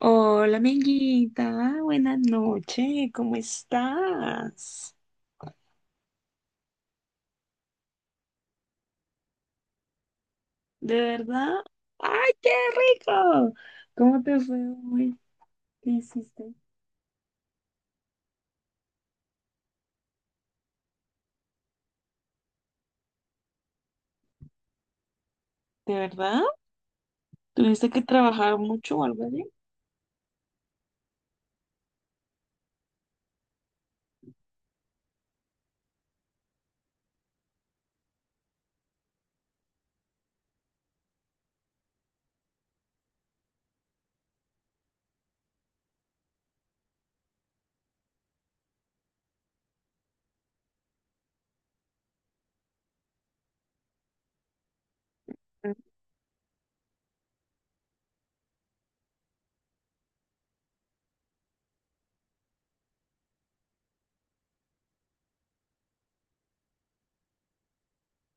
Hola, amiguita. Buenas noches. ¿Cómo estás? ¿De verdad? ¡Ay, qué rico! ¿Cómo te fue hoy? ¿Qué hiciste? ¿De verdad? ¿Tuviste que trabajar mucho o algo así?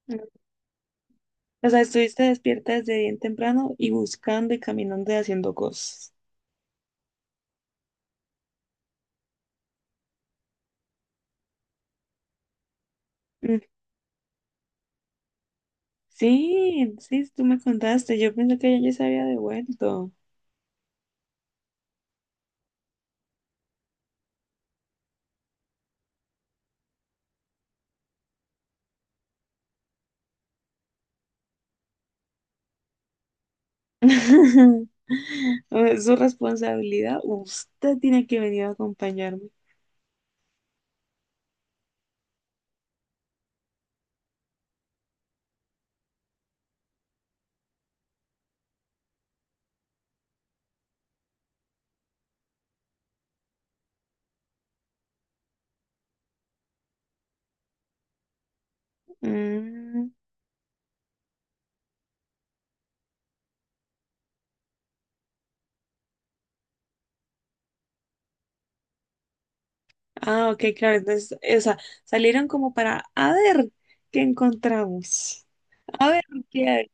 Mm. O sea, estuviste despierta desde bien temprano y buscando y caminando y haciendo cosas. Mm. Sí, sí, tú me contaste. Yo pensé que ella ya se había devuelto. Es su responsabilidad. Usted tiene que venir a acompañarme. Mm, ah, ok, claro. Entonces, o sea, salieron como para, a ver, ¿qué encontramos? A ver, ¿qué hay?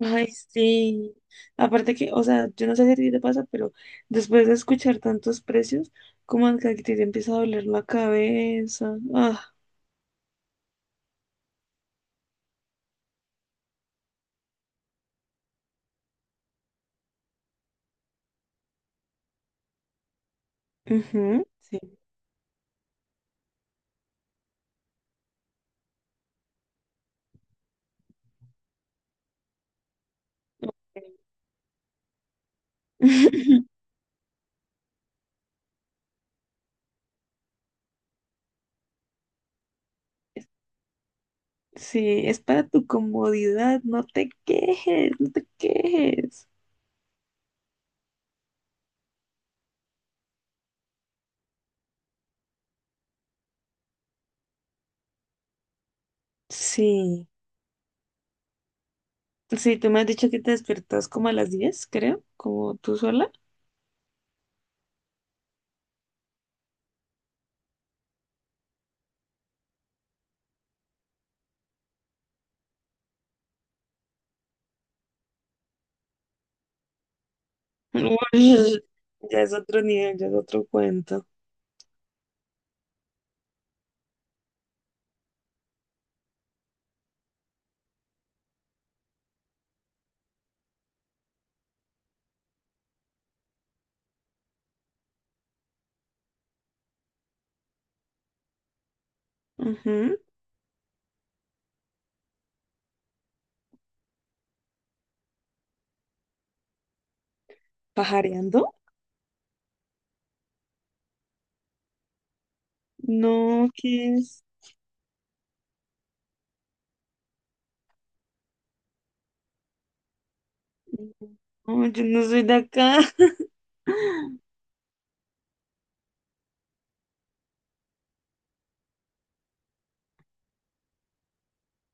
Ay, sí. Aparte que, o sea, yo no sé si a ti te pasa, pero después de escuchar tantos precios, como que a ti te empieza a doler la cabeza. Ah, ujú, sí. Ok. Sí, es para tu comodidad, no te quejes, no te quejes. Sí. Sí, tú me has dicho que te despertas como a las 10, creo, como tú sola. Uy, ya es otro nivel, ya es otro cuento. Ujú. ¿Pajareando? No, ¿qué es? No, yo no soy de acá.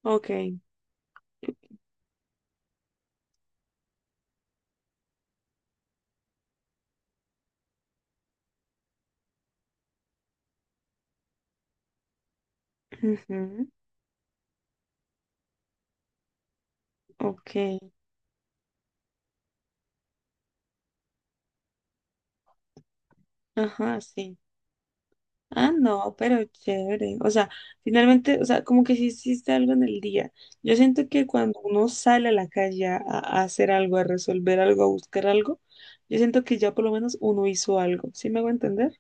Ok. Ujú. Ok. Ajá, sí. Ah, no, pero chévere. O sea, finalmente, o sea, como que sí hiciste algo en el día. Yo siento que cuando uno sale a la calle a hacer algo, a resolver algo, a buscar algo, yo siento que ya por lo menos uno hizo algo. ¿Sí me hago entender?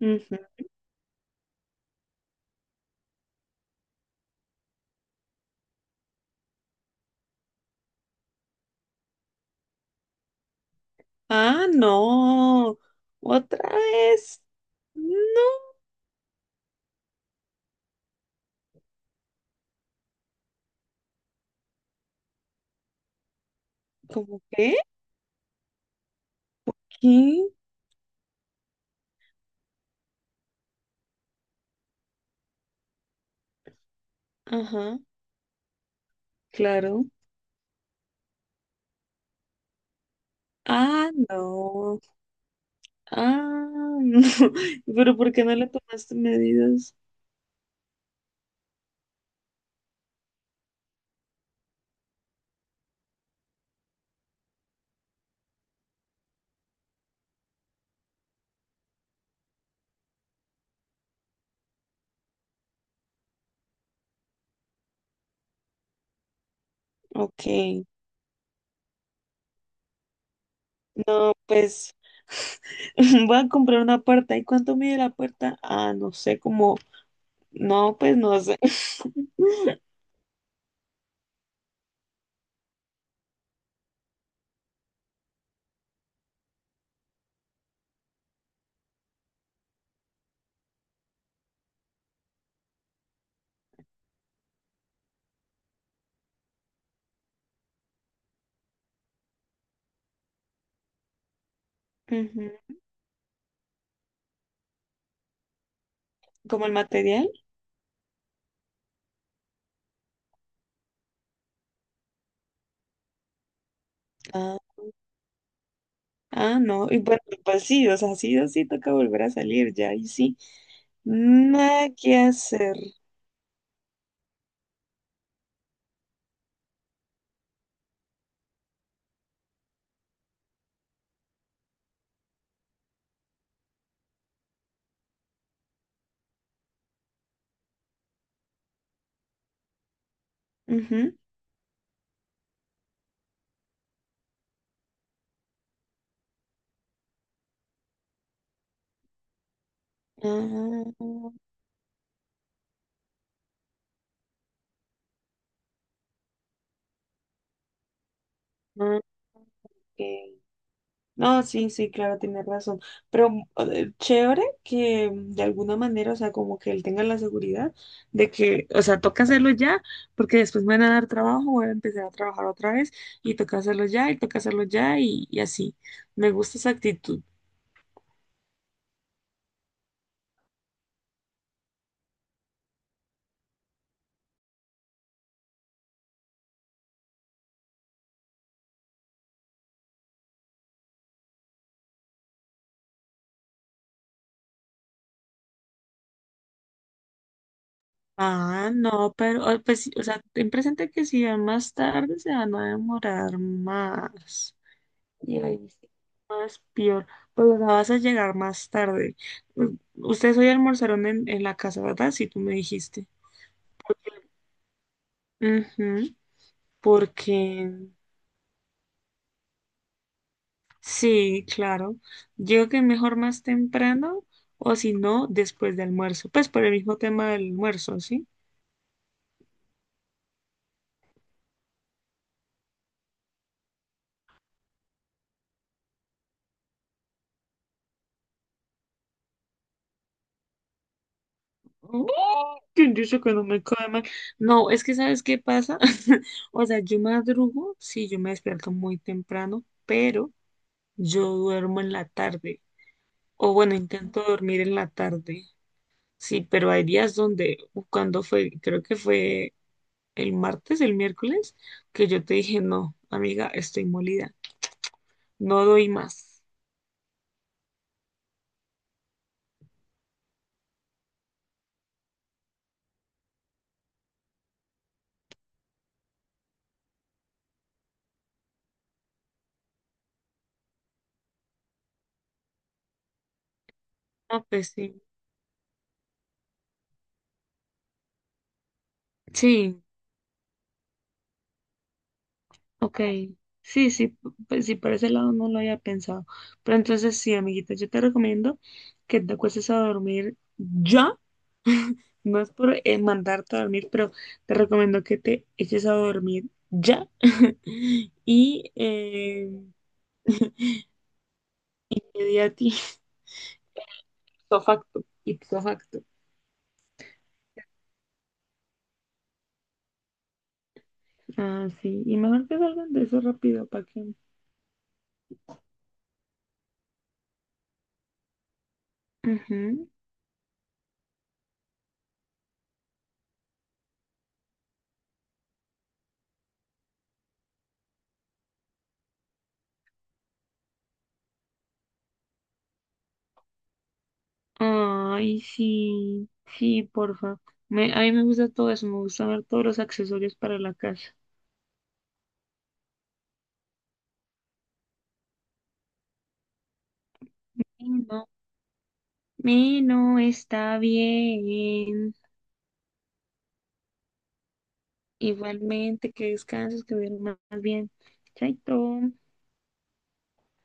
Ujú. Ah, no. Otra vez. No. ¿Cómo qué? ¿Qué? Ajá, claro. Ah, no. Ah, no. Pero ¿por qué no le tomaste medidas? Ok. No, pues. Voy a comprar una puerta. ¿Y cuánto mide la puerta? Ah, no sé, como... No, pues no sé. Ujú. ¿Como el material? Ah, ah, no. Y bueno, pues sí, o sea, sí o sí toca volver a salir ya. Y sí, nada que hacer. Ujú. Ah, ok. No, sí, sí, claro, tienes razón. Pero chévere que de alguna manera, o sea, como que él tenga la seguridad de que, o sea, toca hacerlo ya, porque después me van a dar trabajo, voy a empezar a trabajar otra vez y toca hacerlo ya y toca hacerlo ya y así. Me gusta esa actitud. Ah, no, pero, oh, pues, sí, o sea, ten presente que si va más tarde se van a demorar más. Y ahí sí, más peor. Pues o vas a llegar más tarde. U- Ustedes hoy almorzaron en la casa, ¿verdad? Sí, tú me dijiste. Ujú, porque sí, claro. Yo que mejor más temprano o si no, después de almuerzo. Pues por el mismo tema del almuerzo, ¿sí? Mm, ¿quién dice que no me cae mal? No, es que ¿sabes qué pasa? O sea, yo madrugo, sí, yo me despierto muy temprano, pero yo duermo en la tarde. O bueno, intento dormir en la tarde. Sí, pero hay días donde, cuando fue, creo que fue el martes, el miércoles, que yo te dije, no, amiga, estoy molida, no doy más. Ah, pues sí. Sí, ok. Sí, sí, pues sí, por ese lado no lo había pensado. Pero entonces sí, amiguita, yo te recomiendo que te acuestes a dormir ya. No es por mandarte a dormir, pero te recomiendo que te eches a dormir ya. Y media a ti. Ipso facto. Ipso facto. Ah, sí. Y mejor que salgan de eso rápido, ¿para qué? Ujú. Ay, sí. Sí, porfa. Me, a mí me gusta todo eso. Me gusta ver todos los accesorios para la casa. Y no. Y no está bien. Igualmente, que descanses, que duermas bien. Chaito.